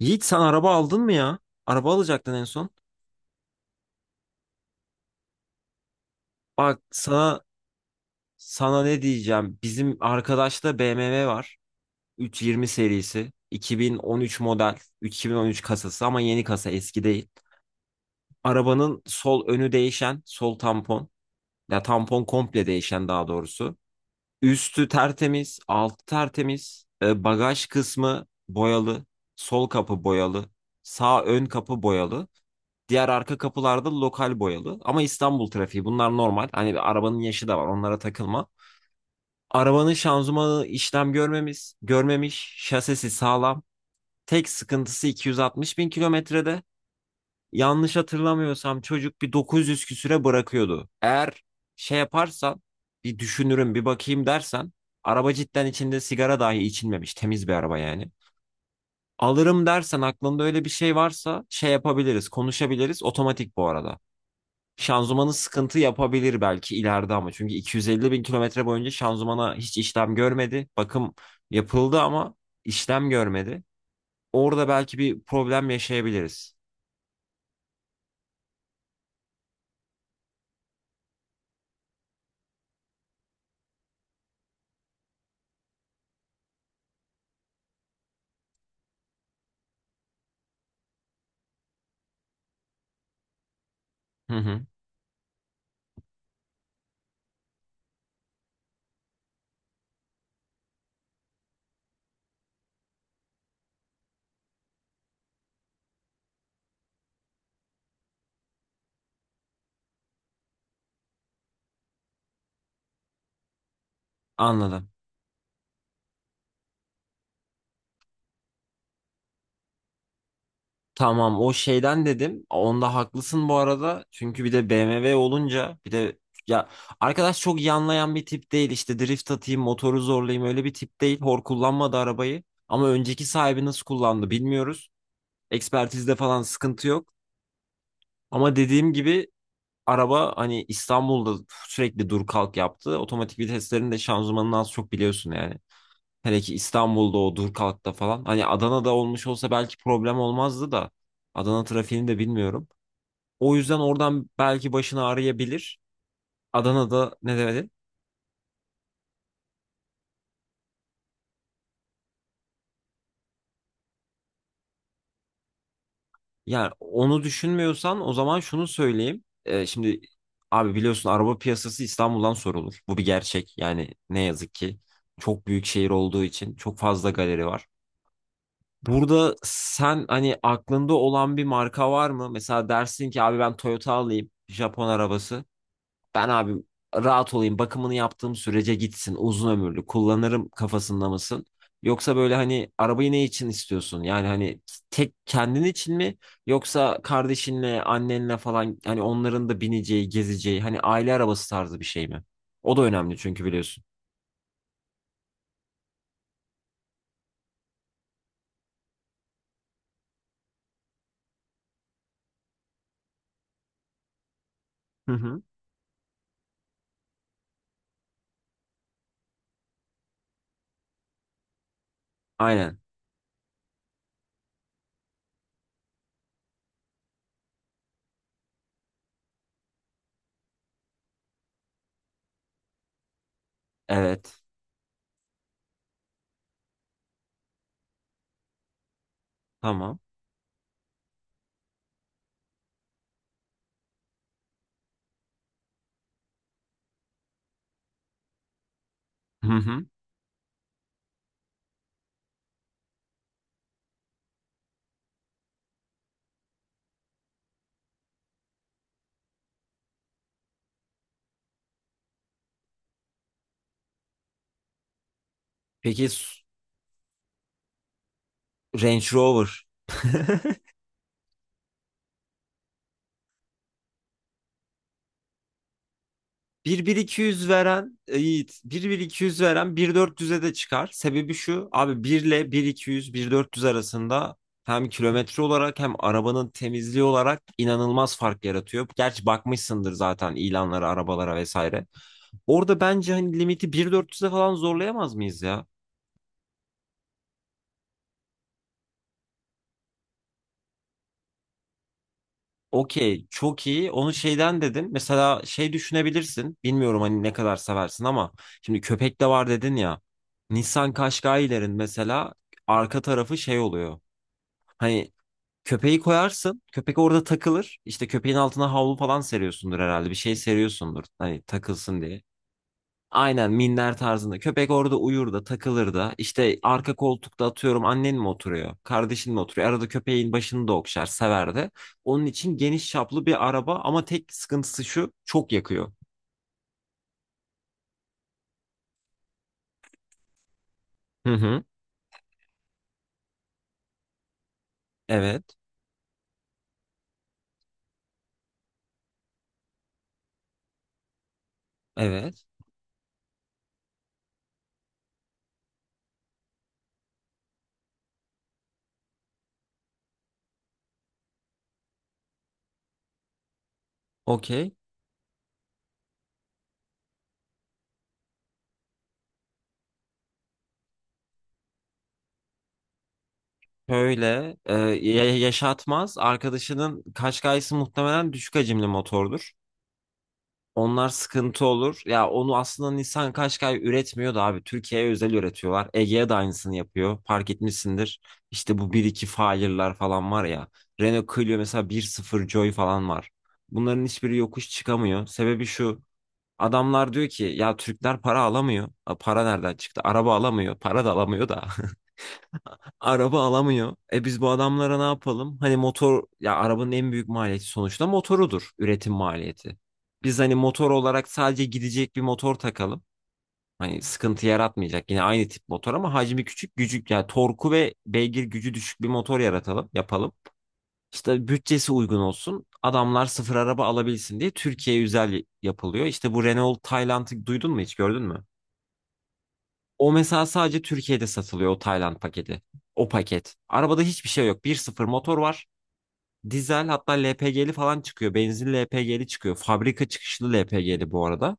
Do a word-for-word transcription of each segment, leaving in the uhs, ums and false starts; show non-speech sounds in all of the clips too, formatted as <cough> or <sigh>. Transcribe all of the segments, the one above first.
Yiğit, sen araba aldın mı ya? Araba alacaktın en son. Bak sana sana ne diyeceğim. Bizim arkadaşta B M W var. üç yüz yirmi serisi. iki bin on üç model. iki bin on üç kasası ama yeni kasa, eski değil. Arabanın sol önü değişen. Sol tampon. Ya tampon komple değişen daha doğrusu. Üstü tertemiz. Altı tertemiz. E, bagaj kısmı boyalı. Sol kapı boyalı. Sağ ön kapı boyalı. Diğer arka kapılarda lokal boyalı. Ama İstanbul trafiği, bunlar normal. Hani arabanın yaşı da var, onlara takılma. Arabanın şanzımanı işlem görmemiş, görmemiş, şasisi sağlam. Tek sıkıntısı iki yüz altmış bin kilometrede. Yanlış hatırlamıyorsam çocuk bir dokuz yüz küsüre bırakıyordu. Eğer şey yaparsan, bir düşünürüm bir bakayım dersen, araba cidden içinde sigara dahi içilmemiş temiz bir araba yani. Alırım dersen, aklında öyle bir şey varsa, şey yapabiliriz, konuşabiliriz. Otomatik bu arada. Şanzımanı sıkıntı yapabilir belki ileride ama. Çünkü iki yüz elli bin kilometre boyunca şanzımana hiç işlem görmedi. Bakım yapıldı ama işlem görmedi. Orada belki bir problem yaşayabiliriz. Hı hı, anladım. Tamam, o şeyden dedim. Onda haklısın bu arada. Çünkü bir de B M W olunca, bir de ya, arkadaş çok yanlayan bir tip değil. İşte drift atayım, motoru zorlayayım, öyle bir tip değil. Hor kullanmadı arabayı. Ama önceki sahibi nasıl kullandı bilmiyoruz. Ekspertizde falan sıkıntı yok. Ama dediğim gibi, araba hani İstanbul'da sürekli dur kalk yaptı. Otomatik viteslerin de şanzımanını az çok biliyorsun yani. Hele ki İstanbul'da o dur kalkta falan. Hani Adana'da olmuş olsa belki problem olmazdı da. Adana trafiğini de bilmiyorum. O yüzden oradan belki başını ağrıyabilir. Adana'da ne demedi? Yani onu düşünmüyorsan o zaman şunu söyleyeyim. Ee, şimdi abi biliyorsun, araba piyasası İstanbul'dan sorulur. Bu bir gerçek. Yani ne yazık ki çok büyük şehir olduğu için çok fazla galeri var. Burada sen hani aklında olan bir marka var mı? Mesela dersin ki, abi ben Toyota alayım, Japon arabası. Ben abi rahat olayım, bakımını yaptığım sürece gitsin, uzun ömürlü kullanırım kafasında mısın? Yoksa böyle hani arabayı ne için istiyorsun? Yani hani tek kendin için mi? Yoksa kardeşinle, annenle falan, hani onların da bineceği, gezeceği, hani aile arabası tarzı bir şey mi? O da önemli çünkü biliyorsun. Hı hı. Aynen. Evet. Tamam. Hı hı. Peki s- Range Rover. bir iki yüz veren e, Yiğit bir bir-iki yüz veren bir bin dört yüz'e de çıkar. Sebebi şu abi, bir ile bir iki yüz dört yüz arasında hem kilometre olarak hem arabanın temizliği olarak inanılmaz fark yaratıyor. Gerçi bakmışsındır zaten ilanlara, arabalara vesaire. Orada bence hani limiti bir bin dört yüz'e falan zorlayamaz mıyız ya? Okey, çok iyi. Onu şeyden dedim. Mesela şey düşünebilirsin. Bilmiyorum hani ne kadar seversin ama şimdi köpek de var dedin ya. Nissan Qashqai'lerin mesela arka tarafı şey oluyor. Hani köpeği koyarsın, köpek orada takılır. İşte köpeğin altına havlu falan seriyorsundur herhalde. Bir şey seriyorsundur. Hani takılsın diye. Aynen minder tarzında. Köpek orada uyur da, takılır da. İşte arka koltukta, atıyorum, annen mi oturuyor? Kardeşin mi oturuyor? Arada köpeğin başını da okşar, sever de. Onun için geniş çaplı bir araba, ama tek sıkıntısı şu: çok yakıyor. Hı hı. Evet. Evet. Okey. Böyle yaşatmaz. Arkadaşının Qashqai'si muhtemelen düşük hacimli motordur. Onlar sıkıntı olur. Ya onu aslında Nissan Qashqai üretmiyor da abi. Türkiye'ye özel üretiyorlar. Ege'ye de aynısını yapıyor. Fark etmişsindir. İşte bu bir iki Fire'lar falan var ya. Renault Clio mesela bir sıfır Joy falan var. Bunların hiçbiri yokuş çıkamıyor. Sebebi şu. Adamlar diyor ki, ya Türkler para alamıyor. A, Para nereden çıktı? Araba alamıyor. Para da alamıyor da. <laughs> Araba alamıyor. E biz bu adamlara ne yapalım? Hani motor, ya arabanın en büyük maliyeti sonuçta motorudur. Üretim maliyeti. Biz hani motor olarak sadece gidecek bir motor takalım. Hani sıkıntı yaratmayacak. Yine aynı tip motor ama hacmi küçük, gücük, yani torku ve beygir gücü düşük bir motor yaratalım, yapalım. İşte bütçesi uygun olsun. Adamlar sıfır araba alabilsin diye Türkiye özel yapılıyor. İşte bu Renault Tayland'ı duydun mu, hiç gördün mü? O mesela sadece Türkiye'de satılıyor, o Tayland paketi. O paket. Arabada hiçbir şey yok. Bir sıfır motor var. Dizel, hatta L P G'li falan çıkıyor. Benzinli L P G'li çıkıyor. Fabrika çıkışlı L P G'li bu arada.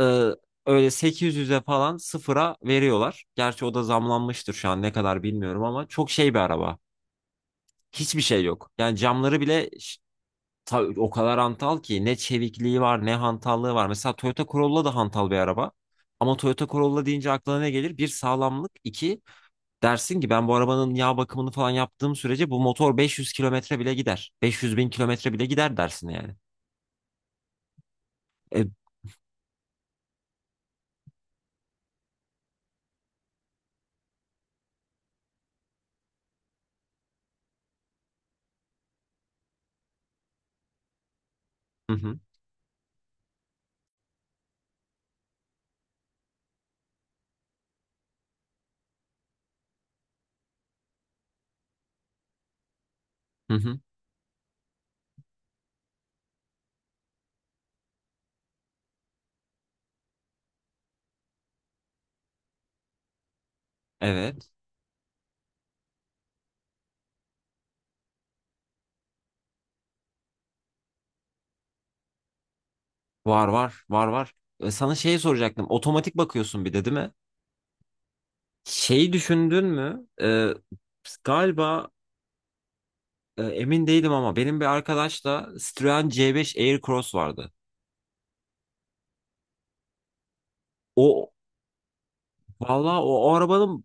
Ee, öyle sekiz yüze falan sıfıra veriyorlar. Gerçi o da zamlanmıştır şu an, ne kadar bilmiyorum ama çok şey bir araba. Hiçbir şey yok. Yani camları bile ş- ta- o kadar hantal ki, ne çevikliği var ne hantallığı var. Mesela Toyota Corolla da hantal bir araba. Ama Toyota Corolla deyince aklına ne gelir? Bir sağlamlık, iki, dersin ki ben bu arabanın yağ bakımını falan yaptığım sürece bu motor beş yüz kilometre bile gider. beş yüz bin kilometre bile gider dersin yani. E, hı hı, hı hı. Evet. Var var var var. E, sana şeyi soracaktım. Otomatik bakıyorsun bir de değil mi? Şeyi düşündün mü? E, galiba, e, emin değilim ama benim bir arkadaşla Citroen C beş Aircross vardı. O, vallahi o, o arabanın.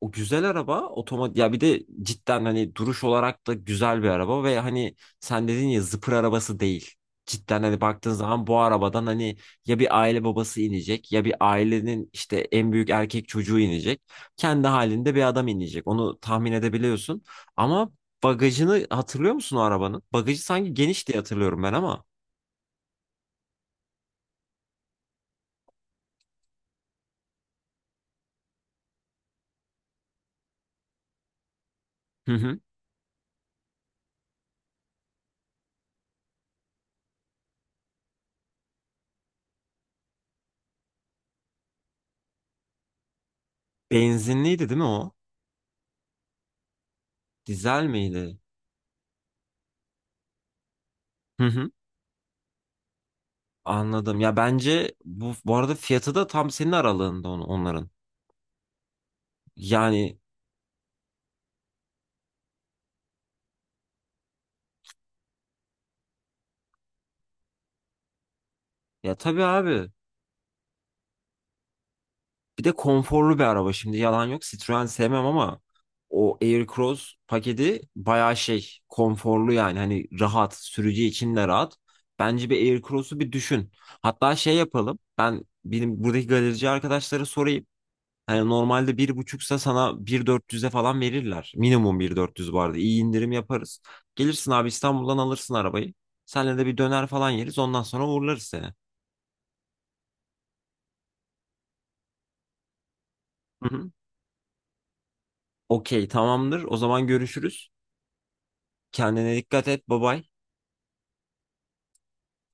O güzel araba otomatik ya, bir de cidden hani duruş olarak da güzel bir araba ve hani sen dedin ya, zıpır arabası değil. Cidden hani baktığın zaman bu arabadan hani ya bir aile babası inecek, ya bir ailenin işte en büyük erkek çocuğu inecek. Kendi halinde bir adam inecek. Onu tahmin edebiliyorsun. Ama bagajını hatırlıyor musun o arabanın? Bagajı sanki geniş diye hatırlıyorum ben ama. Hı hı. Benzinliydi değil mi o? Dizel miydi? Hı hı. Anladım. Ya bence bu bu arada fiyatı da tam senin aralığında on- onların. Yani ya tabii abi. Bir de konforlu bir araba, şimdi yalan yok. Citroen sevmem ama o Aircross paketi bayağı şey, konforlu yani, hani rahat, sürücü için de rahat. Bence bir Aircross'u bir düşün. Hatta şey yapalım. Ben benim buradaki galerici arkadaşlara sorayım. Yani normalde bir buçuksa sana bir dört yüz'e falan verirler. Minimum bin dört yüz bu arada. İyi indirim yaparız. Gelirsin abi, İstanbul'dan alırsın arabayı. Senle de bir döner falan yeriz. Ondan sonra uğurlarız seni. Hı hı. Okey, tamamdır. O zaman görüşürüz. Kendine dikkat et. Bye bye.